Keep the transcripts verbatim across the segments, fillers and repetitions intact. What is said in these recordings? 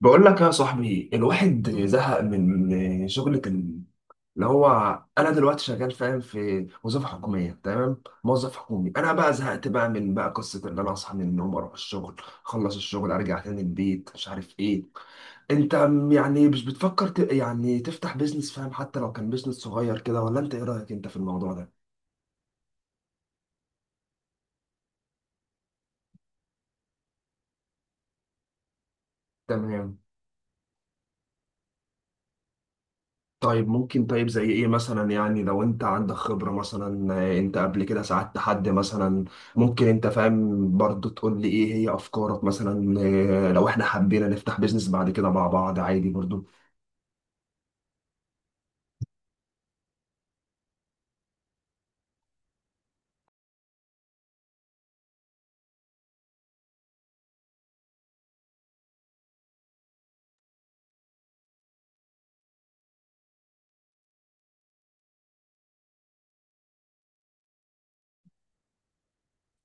بقول لك يا صاحبي، الواحد زهق من شغلة ال- اللي هو انا دلوقتي شغال، فاهم، في وظيفة حكومية، تمام، موظف حكومي. انا بقى زهقت بقى من بقى قصة ان انا اصحى من النوم اروح الشغل، اخلص الشغل ارجع تاني البيت، مش عارف ايه. انت م- يعني مش بتفكر ت... يعني تفتح بيزنس، فاهم، حتى لو كان بيزنس صغير كده، ولا انت ايه رأيك انت في الموضوع ده؟ تمام. طيب، ممكن، طيب زي ايه مثلا؟ يعني لو انت عندك خبرة مثلا، آه، انت قبل كده ساعدت حد مثلا؟ ممكن انت، فاهم، برضو تقول لي ايه هي افكارك مثلا؟ آه، لو احنا حبينا نفتح بيزنس بعد كده مع بعض، عادي برضو.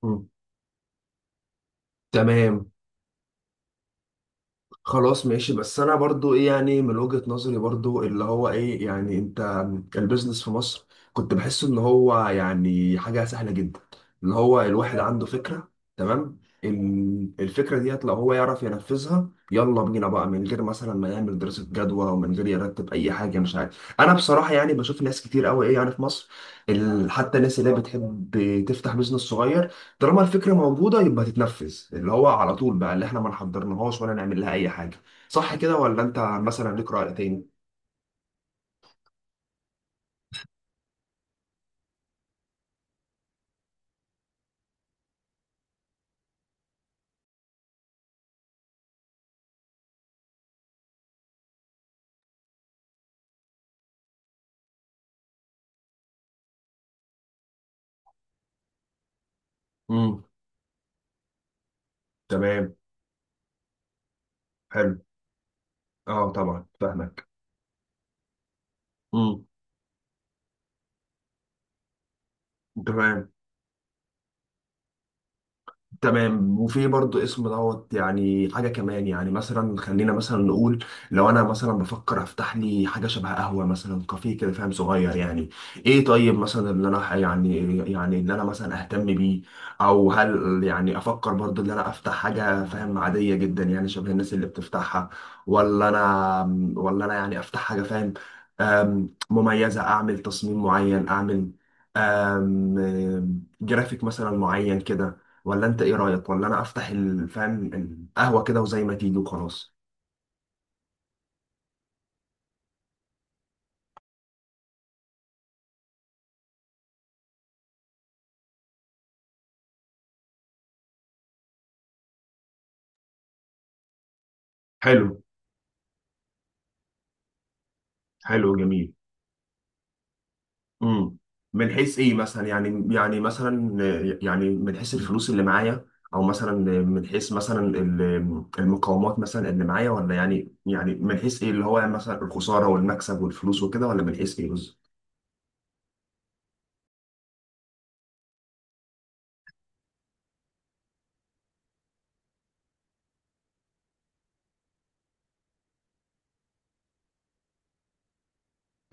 مم. تمام. خلاص ماشي. بس انا برضو ايه يعني، من وجهة نظري برضو اللي هو ايه يعني، انت البيزنس في مصر كنت بحس ان هو يعني حاجة سهلة جدا، اللي هو الواحد عنده فكرة، تمام، ال- الفكرة ديت لو هو يعرف ينفذها يلا بينا بقى، من غير مثلا ما يعمل دراسة جدوى، ومن غير يرتب اي حاجة. مش عارف، انا بصراحة يعني بشوف ناس كتير قوي، ايه يعني، في مصر، ال- حتى الناس اللي هي بتحب تفتح بيزنس صغير، طالما الفكره موجوده يبقى تتنفذ، اللي هو على طول بقى، اللي احنا ما نحضرناهاش ولا نعمل لها اي حاجه. صح كده، ولا انت مثلا ليك راي تاني؟ امم. تمام. حلو. اه طبعا، فاهمك. امم. تمام. تمام، وفي برضو اسم دوت، يعني حاجة كمان. يعني مثلا خلينا مثلا نقول، لو أنا مثلا بفكر أفتح لي حاجة شبه قهوة مثلا، كافيه كده، فاهم، صغير يعني. إيه طيب مثلا اللي أنا يعني، يعني اللي أنا مثلا أهتم بيه، أو هل يعني أفكر برضو اللي أنا أفتح حاجة، فاهم، عادية جدا يعني شبه الناس اللي بتفتحها، ولا أنا ولا أنا يعني أفتح حاجة، فاهم، أم، مميزة، أعمل تصميم معين، أعمل أم، جرافيك مثلا معين كده، ولا انت ايه رأيك؟ ولا انا افتح ال- فاهم، القهوة كده، وزي ما تيجي وخلاص. حلو. حلو جميل. امم. من حيث ايه مثلا يعني يعني مثلا، آه، يعني من حيث الفلوس اللي معايا، او مثلا آه، من حيث مثلا ال- المقاومات مثلا اللي معايا، ولا يعني يعني من حيث ايه اللي هو يعني مثلا الخسارة والمكسب والفلوس وكده، ولا من حيث ايه بالظبط؟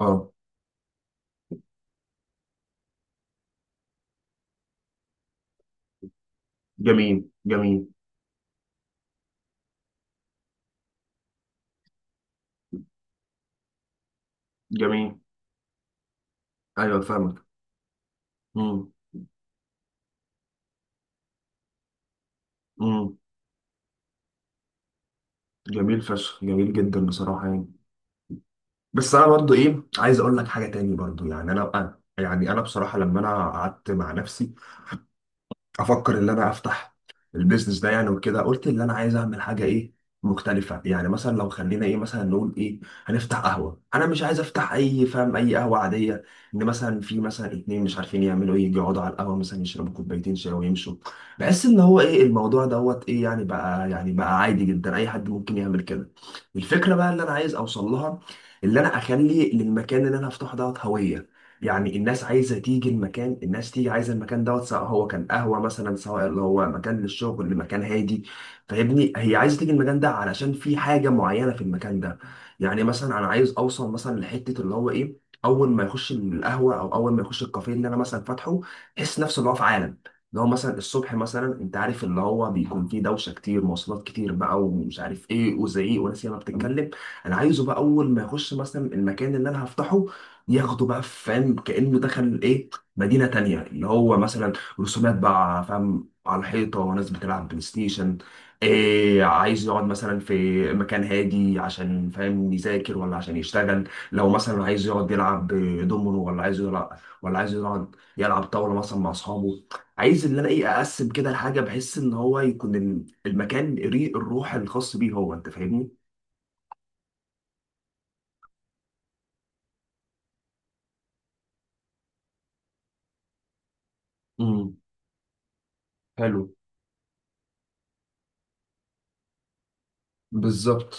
اه. جميل جميل. جميل. ايوه فاهمك. امم. امم. جميل فشخ، جميل جدا بصراحة يعني. بس انا برضو ايه عايز اقول لك حاجه تاني برضو، يعني انا أنا- يعني انا بصراحه لما انا قعدت مع نفسي افكر ان انا افتح البيزنس ده يعني وكده، قلت ان انا عايز اعمل حاجه ايه، مختلفه. يعني مثلا لو خلينا ايه مثلا نقول ايه، هنفتح قهوه، انا مش عايز افتح اي، فاهم، اي قهوه عاديه، ان مثلا في مثلا اتنين مش عارفين يعملوا ايه، يجوا يقعدوا على القهوه مثلا يشربوا كوبايتين شاي ويمشوا. بحس ان هو ايه الموضوع دوت، ايه يعني بقى، يعني بقى عادي جدا، اي حد ممكن يعمل كده. الفكره بقى اللي انا عايز اوصل لها، اللي انا اخلي للمكان اللي انا هفتحه دوت هويه، يعني الناس عايزه تيجي المكان، الناس تيجي عايزه المكان دوت، سواء هو كان قهوه مثلا، سواء اللي هو مكان للشغل، مكان هادي. فاهمني، هي عايزه تيجي المكان ده علشان في حاجه معينه في المكان ده. يعني مثلا انا عايز اوصل مثلا لحته اللي هو ايه، اول ما يخش القهوه او اول ما يخش الكافيه اللي انا مثلا فاتحه، يحس نفسه اللي هو في عالم، اللي هو مثلا الصبح مثلا انت عارف اللي هو بيكون فيه دوشه كتير، مواصلات كتير بقى، ومش عارف ايه، وزعيق وناس ياما بتتكلم. انا عايزه بقى اول ما يخش مثلا المكان اللي انا هفتحه ياخده بقى، فاهم، كأنه دخل ايه، مدينة تانية، اللي هو مثلا رسومات بقى، فاهم، على الحيطة، وناس بتلعب بلاي ستيشن، إيه، عايز يقعد مثلا في مكان هادي عشان، فاهم، يذاكر، ولا عشان يشتغل، لو مثلا عايز يقعد يلعب دومينو، ولا عايز يلعب، ولا عايز يقعد يلعب طاولة مثلا مع أصحابه. عايز اللي أنا إيه، أقسم كده الحاجة، بحس إن هو يكون ال- المكان ريق الروح الخاص بيه هو، أنت فاهمني؟ امم. حلو. بالظبط.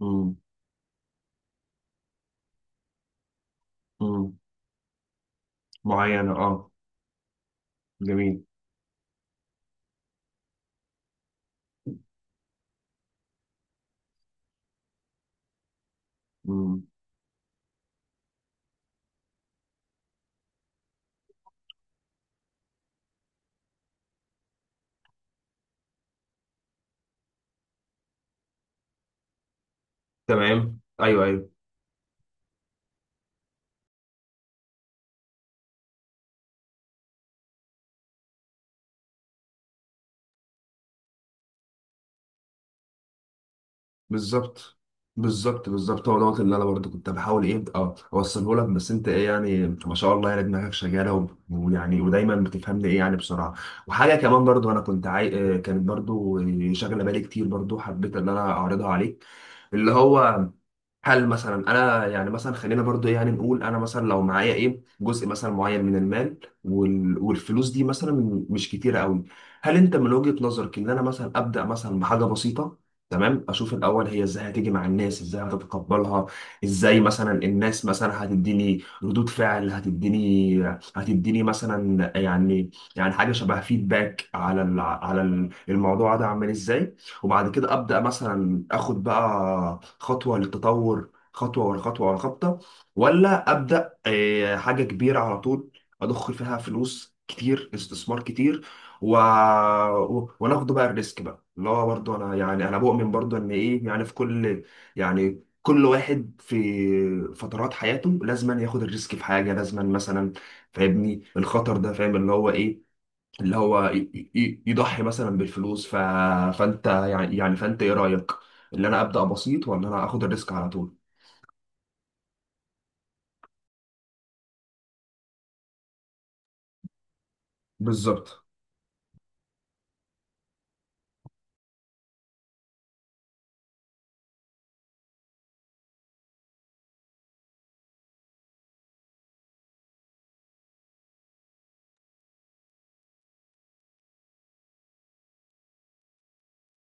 امم. معينة، اه. جميل. مم. تمام. ايوه ايوه. بالظبط، بالظبط، بالظبط هو دوت اللي انا برضه كنت بحاول ايه اه اوصله لك، بس انت ايه يعني، ما شاء الله، يعني دماغك شغاله، و- ويعني ودايما بتفهمني، ايه يعني، بسرعه. وحاجه كمان برضه انا كنت عاي... آه، كانت برضه آه، شاغله بالي كتير برضه، حبيت ان انا اعرضها عليك، اللي هو هل مثلا انا يعني مثلا خلينا برضو إيه يعني نقول، انا مثلا لو معايا ايه جزء مثلا معين من المال، وال... والفلوس دي مثلا مش كتيره قوي، هل انت من وجهة نظرك ان انا مثلا ابدا مثلا بحاجه بسيطه، تمام، اشوف الاول هي ازاي هتيجي مع الناس، ازاي هتتقبلها، ازاي مثلا الناس مثلا هتديني ردود فعل، هتديني، هتديني مثلا يعني، يعني حاجه شبه فيدباك، على ال... على ال- الموضوع ده عامل ازاي. وبعد كده ابدا مثلا اخد بقى خطوه للتطور، خطوه ورا خطوه ورا خطوه، ولا ابدا آه، حاجه كبيره على طول، اضخ فيها فلوس كتير، استثمار كتير، و... و... وناخده بقى الريسك بقى، اللي هو برضه انا يعني انا بؤمن برضه ان ايه يعني، في كل، يعني كل واحد في فترات حياته لازما ياخد الريسك في حاجه، لازما مثلا، فاهمني، الخطر ده، فاهم، اللي هو ايه، اللي هو ي- ي- يضحي مثلا بالفلوس، ف... فانت يعني، يعني فانت ايه رأيك، اللي انا ابدأ بسيط، ولا انا اخد الريسك على طول؟ بالظبط.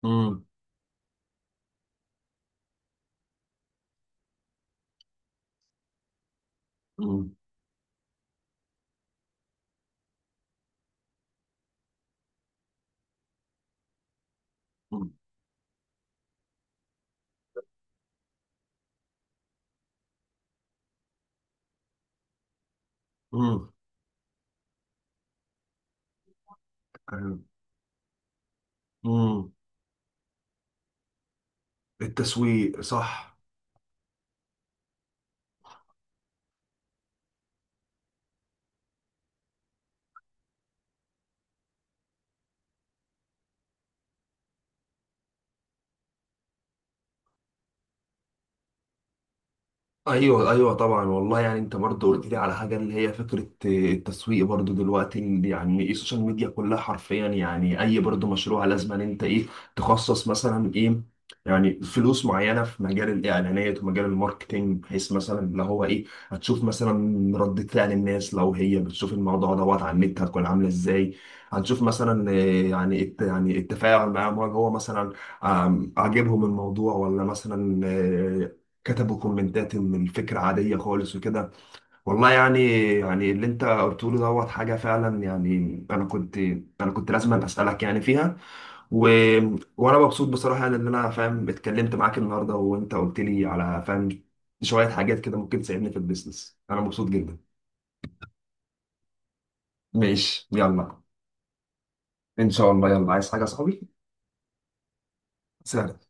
مم. مم. مم. مم. التسويق، صح. ايوه ايوه طبعا، والله يعني انت برضه قلت لي على حاجه اللي هي فكره التسويق برضه دلوقتي، اللي يعني السوشيال ميديا كلها حرفيا، يعني اي برضه مشروع لازم ان انت ايه، تخصص مثلا ايه، يعني فلوس معينه في مجال الاعلانات ومجال الماركتينج، بحيث مثلا اللي هو ايه، هتشوف مثلا ردة فعل الناس لو هي بتشوف الموضوع دوت على النت هتكون عامله ازاي. هنشوف مثلا إيه، يعني الت- يعني التفاعل معاهم، هل هو مثلا آم، عاجبهم الموضوع، ولا مثلا آه، كتبوا كومنتات ان الفكره عاديه خالص وكده. والله يعني، يعني اللي انت قلته له دوت حاجه فعلا، يعني انا كنت انا كنت لازم اسالك يعني فيها، و... وانا مبسوط بصراحه، يعني ان انا، فاهم، اتكلمت معاك النهارده، وانت قلت لي على، فاهم، شويه حاجات كده ممكن تساعدني في البيزنس. انا مبسوط جدا. ماشي، يلا. ان شاء الله. يلا، عايز حاجه يا صاحبي؟ سلام.